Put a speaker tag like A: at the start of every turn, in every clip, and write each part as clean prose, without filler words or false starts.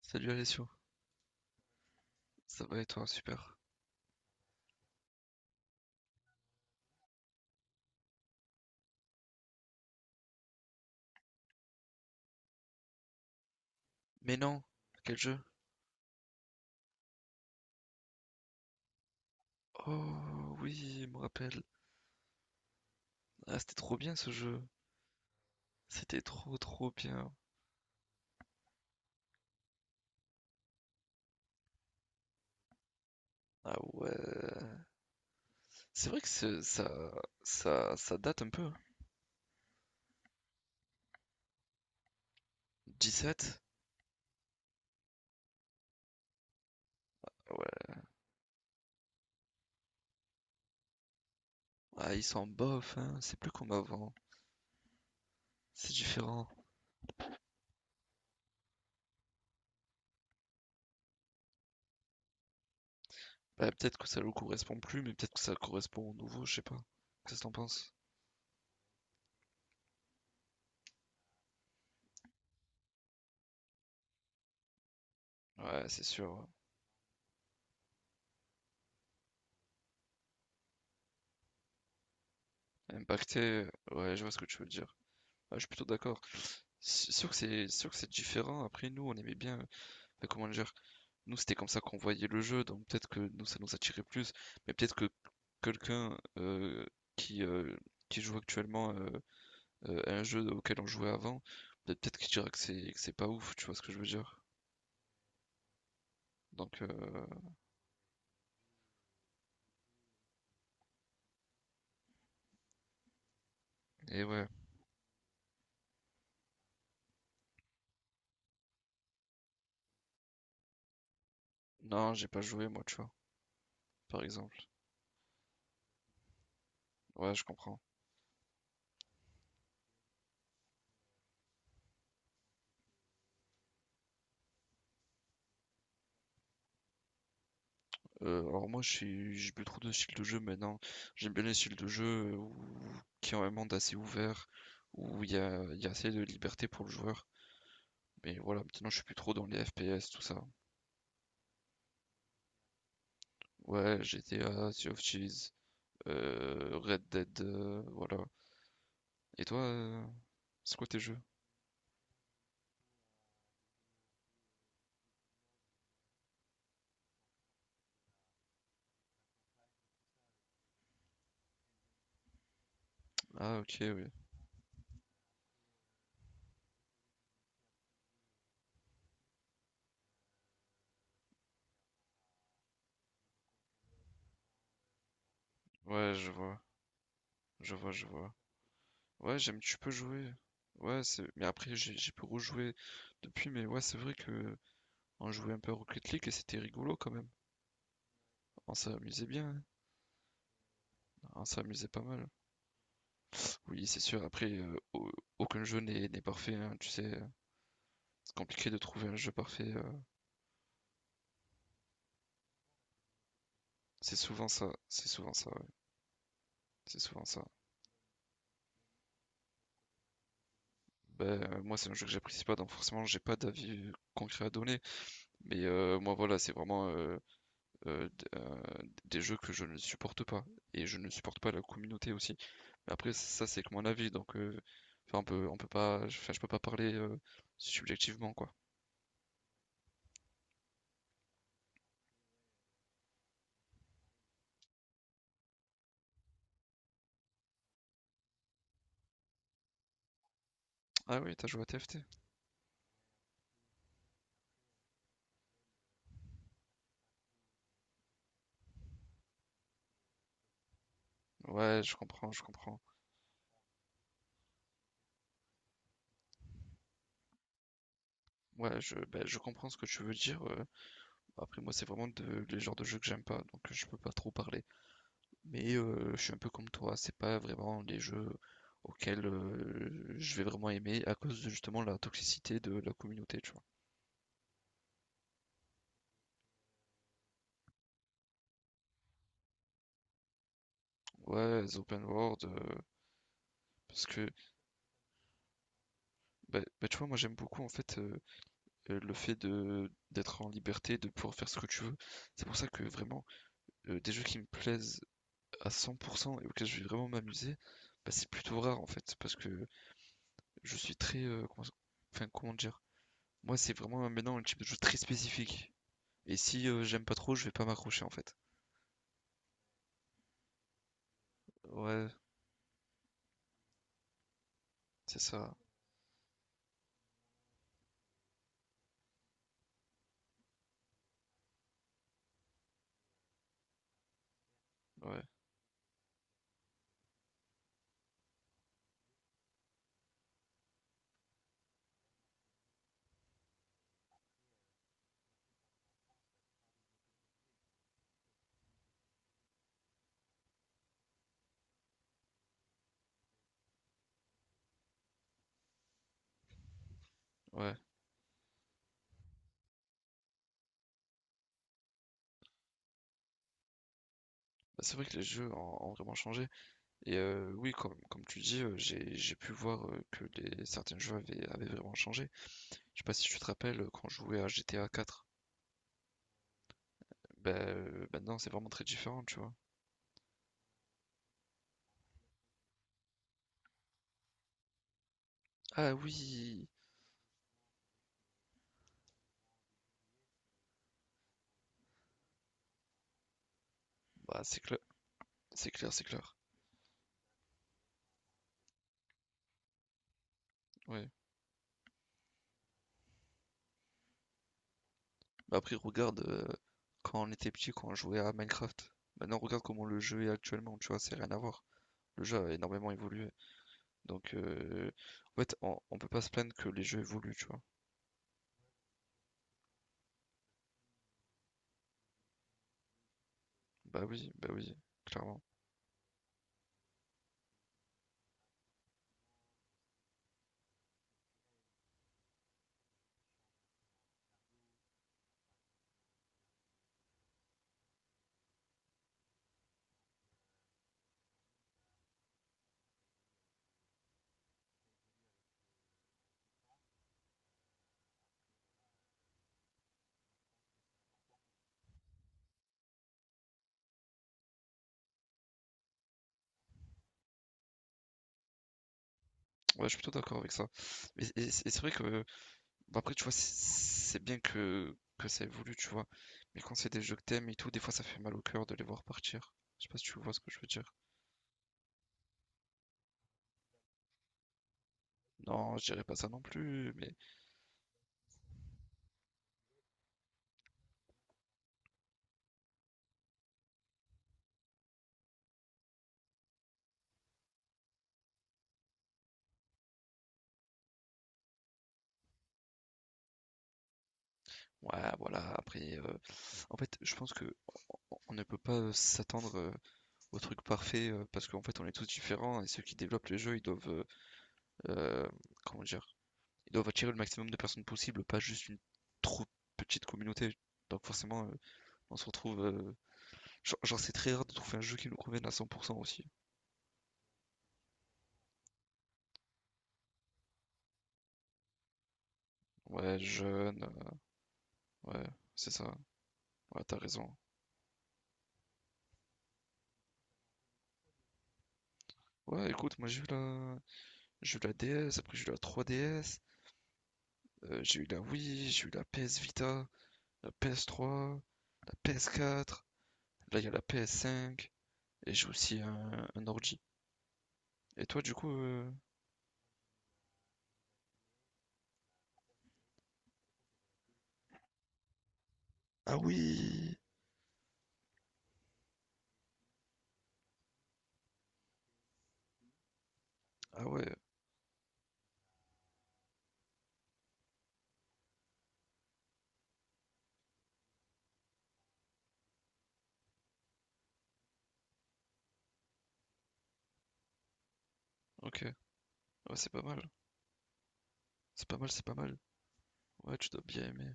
A: Salut Alessio, ça va et toi? Super. Mais non, quel jeu? Oh oui, il me rappelle. Ah, c'était trop bien ce jeu. C'était trop trop bien. Ah ouais. C'est vrai que ce- Ça, ça date un peu, hein. Sept. Ouais. Ah, ils sont bof, hein. C'est plus comme avant. C'est différent. Bah, peut-être que ça leur correspond plus, mais peut-être que ça correspond au nouveau, je sais pas. Qu'est-ce que t'en penses? Ouais, c'est sûr. Impacté, ouais, je vois ce que tu veux dire. Ah, je suis plutôt d'accord. C'est sûr que c'est différent. Après, nous, on aimait bien. Enfin, comment dire? Nous, c'était comme ça qu'on voyait le jeu, donc peut-être que nous, ça nous attirait plus. Mais peut-être que quelqu'un qui, euh, qui joue actuellement, à un jeu auquel on jouait avant, peut-être qu'il dira que c'est pas ouf, tu vois ce que je veux dire? Donc, et ouais. Non, j'ai pas joué, moi, tu vois, par exemple. Ouais, je comprends. Alors moi je suis j'ai plus trop de style de jeu maintenant. J'aime bien les styles de jeu où qui ont un monde assez ouvert, où il y a assez de liberté pour le joueur. Mais voilà, maintenant je suis plus trop dans les FPS, tout ça. Ouais, GTA, Sea of Thieves, Red Dead, voilà. Et toi, c'est quoi tes jeux? Ah ok, oui. Ouais, je vois, je vois. Ouais, j'aime tu peux jouer. Ouais, c'est mais après j'ai pu rejouer depuis, mais ouais, c'est vrai que qu'on jouait un peu à Rocket League et c'était rigolo quand même. On s'est amusé bien, hein. On s'est amusé pas mal. Oui, c'est sûr, après, aucun jeu n'est parfait, hein, tu sais. C'est compliqué de trouver un jeu parfait. C'est souvent ça, ouais, c'est souvent ça. Ben, moi, c'est un jeu que j'apprécie pas, donc forcément, j'ai pas d'avis concret à donner. Mais moi, voilà, c'est vraiment euh, d- euh, des jeux que je ne supporte pas. Et je ne supporte pas la communauté aussi. Mais après, ça, c'est que mon avis, donc enfin, on peut pas, enfin, je peux pas parler, subjectivement, quoi. Ah oui, t'as joué à TFT? Ouais, je comprends, je comprends. Ouais, je, ben, je comprends ce que tu veux dire. Après, moi, c'est vraiment de, les genres de jeux que j'aime pas, donc je peux pas trop parler. Mais je suis un peu comme toi, c'est pas vraiment les jeux auxquels je vais vraiment aimer à cause de justement la toxicité de la communauté, tu vois. Ouais, les open world, parce que, ben, tu vois, moi, j'aime beaucoup en fait, le fait de d'être en liberté, de pouvoir faire ce que tu veux. C'est pour ça que vraiment, des jeux qui me plaisent à 100% et auquel je vais vraiment m'amuser, bah, c'est plutôt rare en fait, parce que je suis très... comment... Enfin, comment dire? Moi, c'est vraiment maintenant un type de jeu très spécifique. Et si j'aime pas trop, je vais pas m'accrocher en fait. Ouais, c'est ça. Ouais, ouais. Bah, c'est vrai que les jeux ont vraiment changé. Et oui, comme tu dis, j'ai pu voir que les, certains jeux avaient vraiment changé. Je sais pas si tu te rappelles, quand je jouais à GTA 4, bah, maintenant c'est vraiment très différent, tu vois. Ah oui, bah, c'est clair, c'est clair. Ouais. Bah après regarde, quand on était petit quand on jouait à Minecraft. Maintenant regarde comment le jeu est actuellement, tu vois, c'est rien à voir. Le jeu a énormément évolué. Donc en fait on peut pas se plaindre que les jeux évoluent, tu vois. Bah oui, clairement. Ouais, je suis plutôt d'accord avec ça. Et c'est vrai que bah après tu vois c'est bien que ça évolue, tu vois. Mais quand c'est des jeux que t'aimes et tout, des fois ça fait mal au cœur de les voir partir. Je sais pas si tu vois ce que je veux dire. Non, je dirais pas ça non plus, mais ouais, voilà, après, en fait, je pense que on ne peut pas, s'attendre, au truc parfait, parce qu'en fait on est tous différents et ceux qui développent le jeu ils doivent, euh, comment dire, ils doivent attirer le maximum de personnes possible, pas juste une trop petite communauté, donc forcément on se retrouve, genre, c'est très rare de trouver un jeu qui nous convienne à 100% aussi. Ouais, jeune, ouais c'est ça, ouais t'as raison. Ouais écoute moi j'ai eu la DS, après j'ai eu la 3DS, j'ai eu la Wii, j'ai eu la PS Vita, la PS3, la PS4. Là, il y a la PS5. Et j'ai aussi un ordi. Et toi, du coup. Ah oui! Ah ouais, ok. Ouais, c'est pas mal. C'est pas mal, c'est pas mal. Ouais, tu dois bien aimer.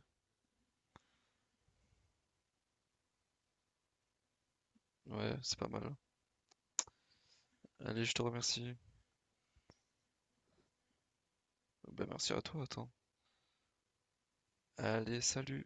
A: Ouais, c'est pas mal. Allez, je te remercie. Ben, merci à toi, attends. Allez, salut!